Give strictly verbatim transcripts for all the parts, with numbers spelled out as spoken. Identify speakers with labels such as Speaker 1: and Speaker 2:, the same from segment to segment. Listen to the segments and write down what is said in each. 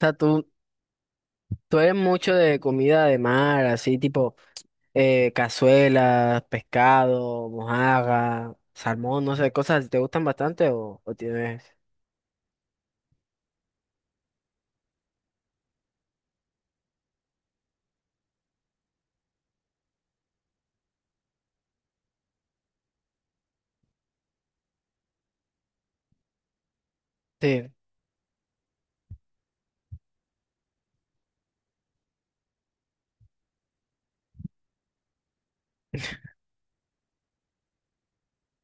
Speaker 1: Sea, tú, tú eres mucho de comida de mar, así tipo eh, cazuelas, pescado, mojarra, salmón, no sé, cosas así. ¿Te gustan bastante o, o tienes? Sí.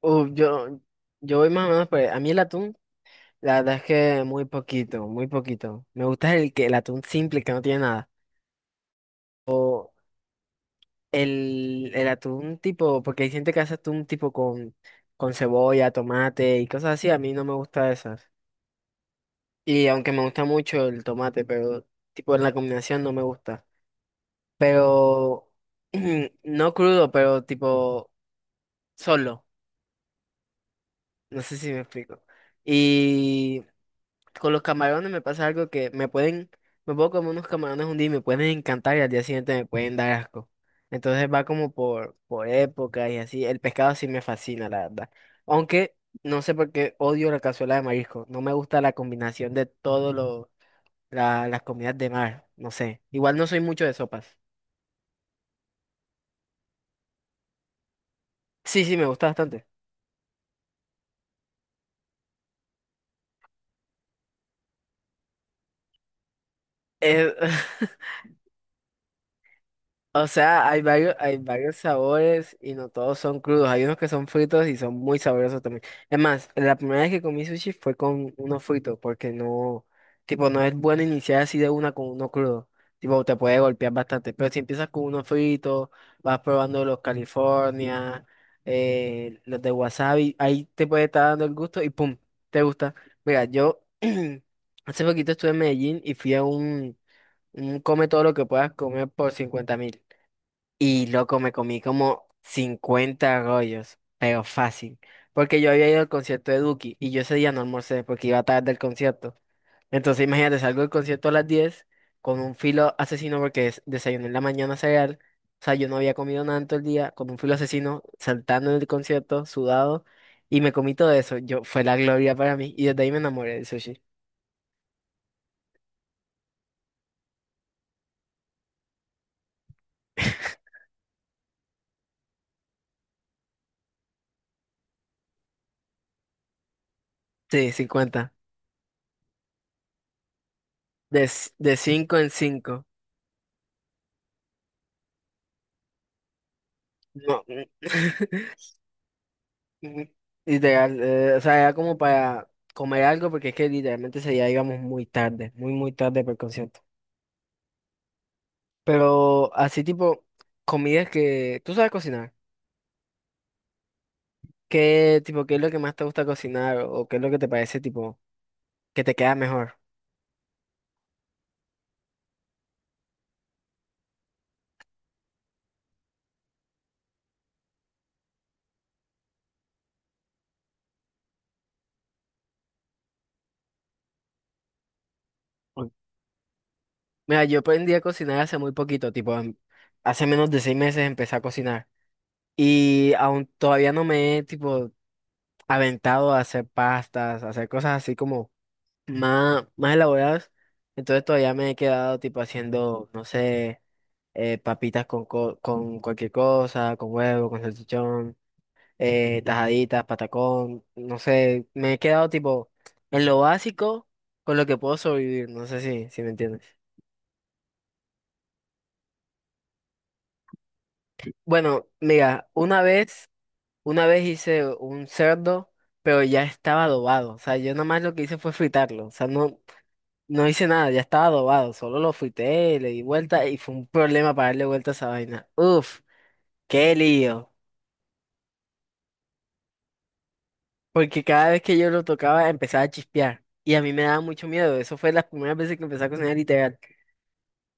Speaker 1: Uh, yo, yo voy más o menos por ahí. A mí el atún, la verdad es que muy poquito, muy poquito. Me gusta el que el atún simple, que no tiene nada. O el, el atún tipo, porque hay gente que hace atún tipo con, con cebolla, tomate y cosas así. A mí no me gusta eso. Y aunque me gusta mucho el tomate, pero tipo en la combinación no me gusta. Pero no crudo, pero tipo solo. No sé si me explico. Y con los camarones me pasa algo que me pueden, me puedo comer unos camarones un día y me pueden encantar y al día siguiente me pueden dar asco. Entonces va como por, por época y así. El pescado sí me fascina, la verdad. Aunque no sé por qué odio la cazuela de marisco. No me gusta la combinación de todos los la- las comidas de mar, no sé. Igual no soy mucho de sopas. Sí, sí, me gusta bastante. Eh, O sea, hay varios, hay varios sabores y no todos son crudos. Hay unos que son fritos y son muy sabrosos también. Es más, la primera vez que comí sushi fue con uno frito, porque no, tipo, no es bueno iniciar así de una con uno crudo. Tipo, te puede golpear bastante. Pero si empiezas con uno frito, vas probando los California, eh, los de wasabi, ahí te puede estar dando el gusto y pum, te gusta. Mira, yo hace poquito estuve en Medellín y fui a un, un come todo lo que puedas comer por cincuenta mil. Y loco, me comí como cincuenta rollos, pero fácil. Porque yo había ido al concierto de Duki y yo ese día no almorcé porque iba tarde del concierto. Entonces imagínate, salgo del concierto a las diez con un filo asesino porque des- desayuné en la mañana cereal. O sea, yo no había comido nada en todo el día, con un filo asesino, saltando en el concierto, sudado, y me comí todo eso. Yo, fue la gloria para mí. Y desde ahí me enamoré del sushi. Sí, cincuenta. De, c- de cinco en cinco. No. Ujú. Literal, eh, o sea, era como para comer algo porque es que literalmente ese día íbamos muy tarde, muy, muy tarde para el concierto. Pero así tipo, comidas que tú sabes cocinar. ¿Qué tipo, qué es lo que más te gusta cocinar o qué es lo que te parece tipo que te queda mejor? Uy, mira, yo aprendí a cocinar hace muy poquito, tipo, em- hace menos de seis meses empecé a cocinar y aún todavía no me he tipo aventado a hacer pastas, a hacer cosas así como más, más elaboradas. Entonces todavía me he quedado tipo haciendo, no sé, eh, papitas con, co- con cualquier cosa, con huevo, con salchichón, eh, tajaditas, patacón, no sé, me he quedado tipo en lo básico con lo que puedo sobrevivir, no sé si, si me entiendes. Bueno, mira, una vez, una vez hice un cerdo, pero ya estaba adobado, o sea, yo nada más lo que hice fue fritarlo, o sea, no, no hice nada, ya estaba adobado, solo lo fuité, le di vuelta y fue un problema para darle vuelta a esa vaina. Uf, qué lío. Porque cada vez que yo lo tocaba empezaba a chispear y a mí me daba mucho miedo. Eso fue las primeras veces que empecé a cocinar literal.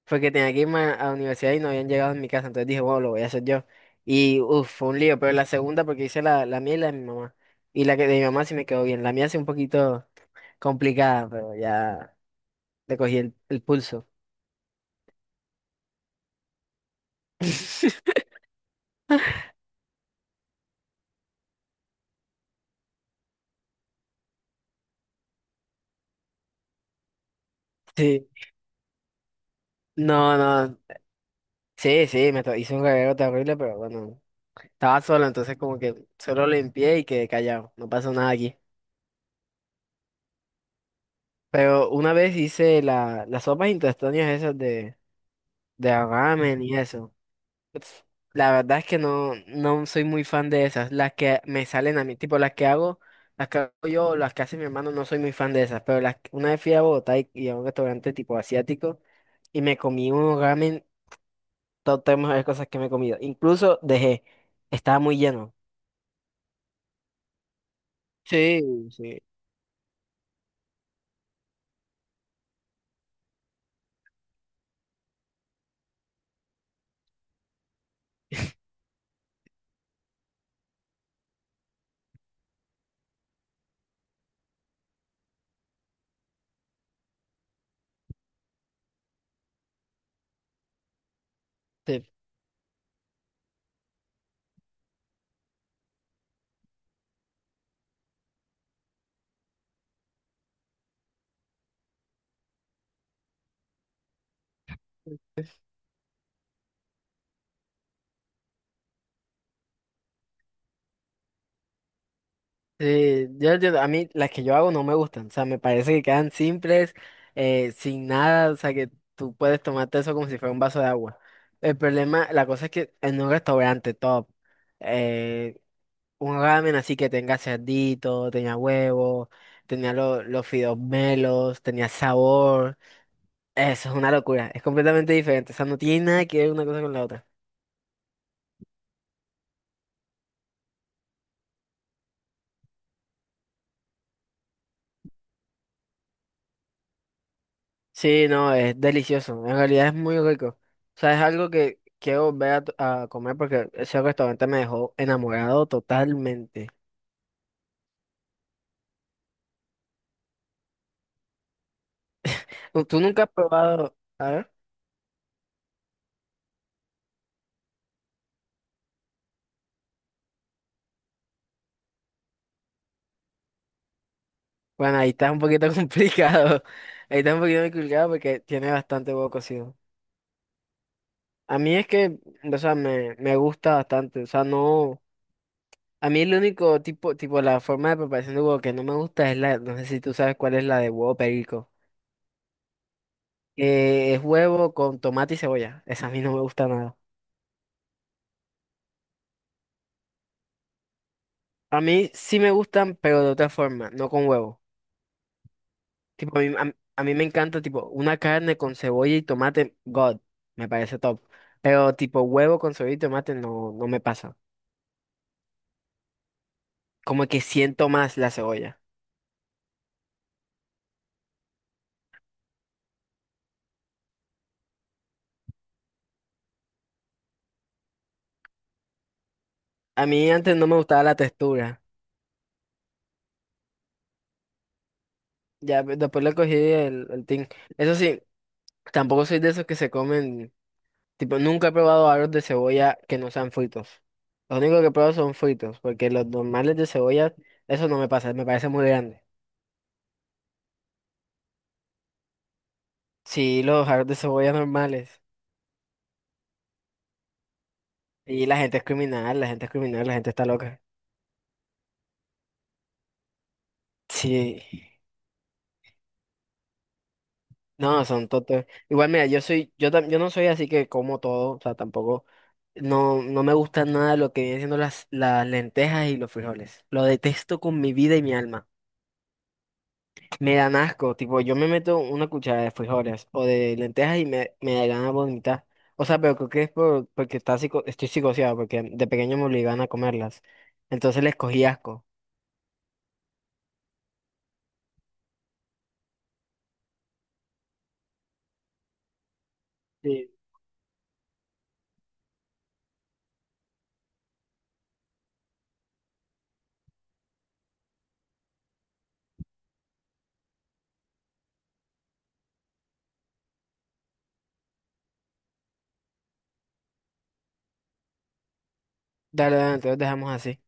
Speaker 1: Fue que tenía que irme a a la universidad y no habían llegado en mi casa, entonces dije, bueno, lo voy a hacer yo. Y uf, fue un lío, pero la segunda porque hice la, la mía y la de mi mamá. Y la que de mi mamá sí me quedó bien. La mía sí un poquito complicada, pero ya le cogí el el pulso. Sí, no, no, sí, sí, me to- hice un cagadero terrible, pero bueno, estaba solo, entonces como que solo limpié y quedé callado, no pasó nada aquí. Pero una vez hice la, las sopas intestinales esas de, de ramen y eso. Pf, la verdad es que no, no soy muy fan de esas, las que me salen a mí, tipo las que hago, las que hago yo, o las que hace mi hermano, no soy muy fan de esas, pero las, una vez fui a Bogotá y, y a un restaurante tipo asiático y me comí un ramen, todo tenemos de cosas que me he comido, incluso dejé, estaba muy lleno. Sí, sí. te- sí, Yo, yo- a mí las que yo hago no me gustan, o sea, me parece que quedan simples, eh, sin nada, o sea, que tú puedes tomarte eso como si fuera un vaso de agua. El problema, la cosa es que en un restaurante top, eh, un ramen así que tenga cerdito, tenía huevo, tenía lo- los fideos melos, tenía sabor, eso es una locura, es completamente diferente, o sea, no tiene nada que ver una cosa con la otra. Sí, no, es delicioso. En realidad es muy rico. O sea, es algo que quiero volver a, to- a comer porque ese restaurante me dejó enamorado totalmente. ¿Tú tú nunca has probado? A ver. Bueno, ahí está un poquito complicado. Ahí está un poquito complicado porque tiene bastante huevo cocido. A mí es que, o sea, me, me gusta bastante. O sea, no. A mí el único tipo, tipo, la forma de preparación de huevo que no me gusta es la, no sé si tú sabes cuál es la de huevo perico. Eh, es huevo con tomate y cebolla. Esa a mí no me gusta nada. A mí sí me gustan, pero de otra forma, no con huevo. Tipo, a mí, a, a mí me encanta, tipo, una carne con cebolla y tomate, God, me parece top. Pero tipo, huevo con cebolla y tomate no, no me pasa. Como que siento más la cebolla. A mí antes no me gustaba la textura. Ya ve- después le cogí el, el tin. Eso sí, tampoco soy de esos que se comen, tipo, nunca he probado aros de cebolla que no sean fritos. Lo único que he probado son fritos, porque los normales de cebolla, eso no me pasa, me parece muy grande. Sí, los jarros de cebolla normales. Y la gente es criminal, la gente es criminal, la gente está loca. Sí. No, son totos. Igual, mira, yo soy, yo, tam- yo no soy así que como todo, o sea, tampoco, no, no me gusta nada lo que vienen siendo las, las lentejas y los frijoles. Lo detesto con mi vida y mi alma. Me dan asco, tipo, yo me meto una cuchara de frijoles o de lentejas y me, me da ganas de vomitar. O sea, pero creo que es por, porque está psico- estoy psicoseado, porque de pequeño me obligaban a comerlas. Entonces les cogí asco. Dale, dale, entonces dejamos así.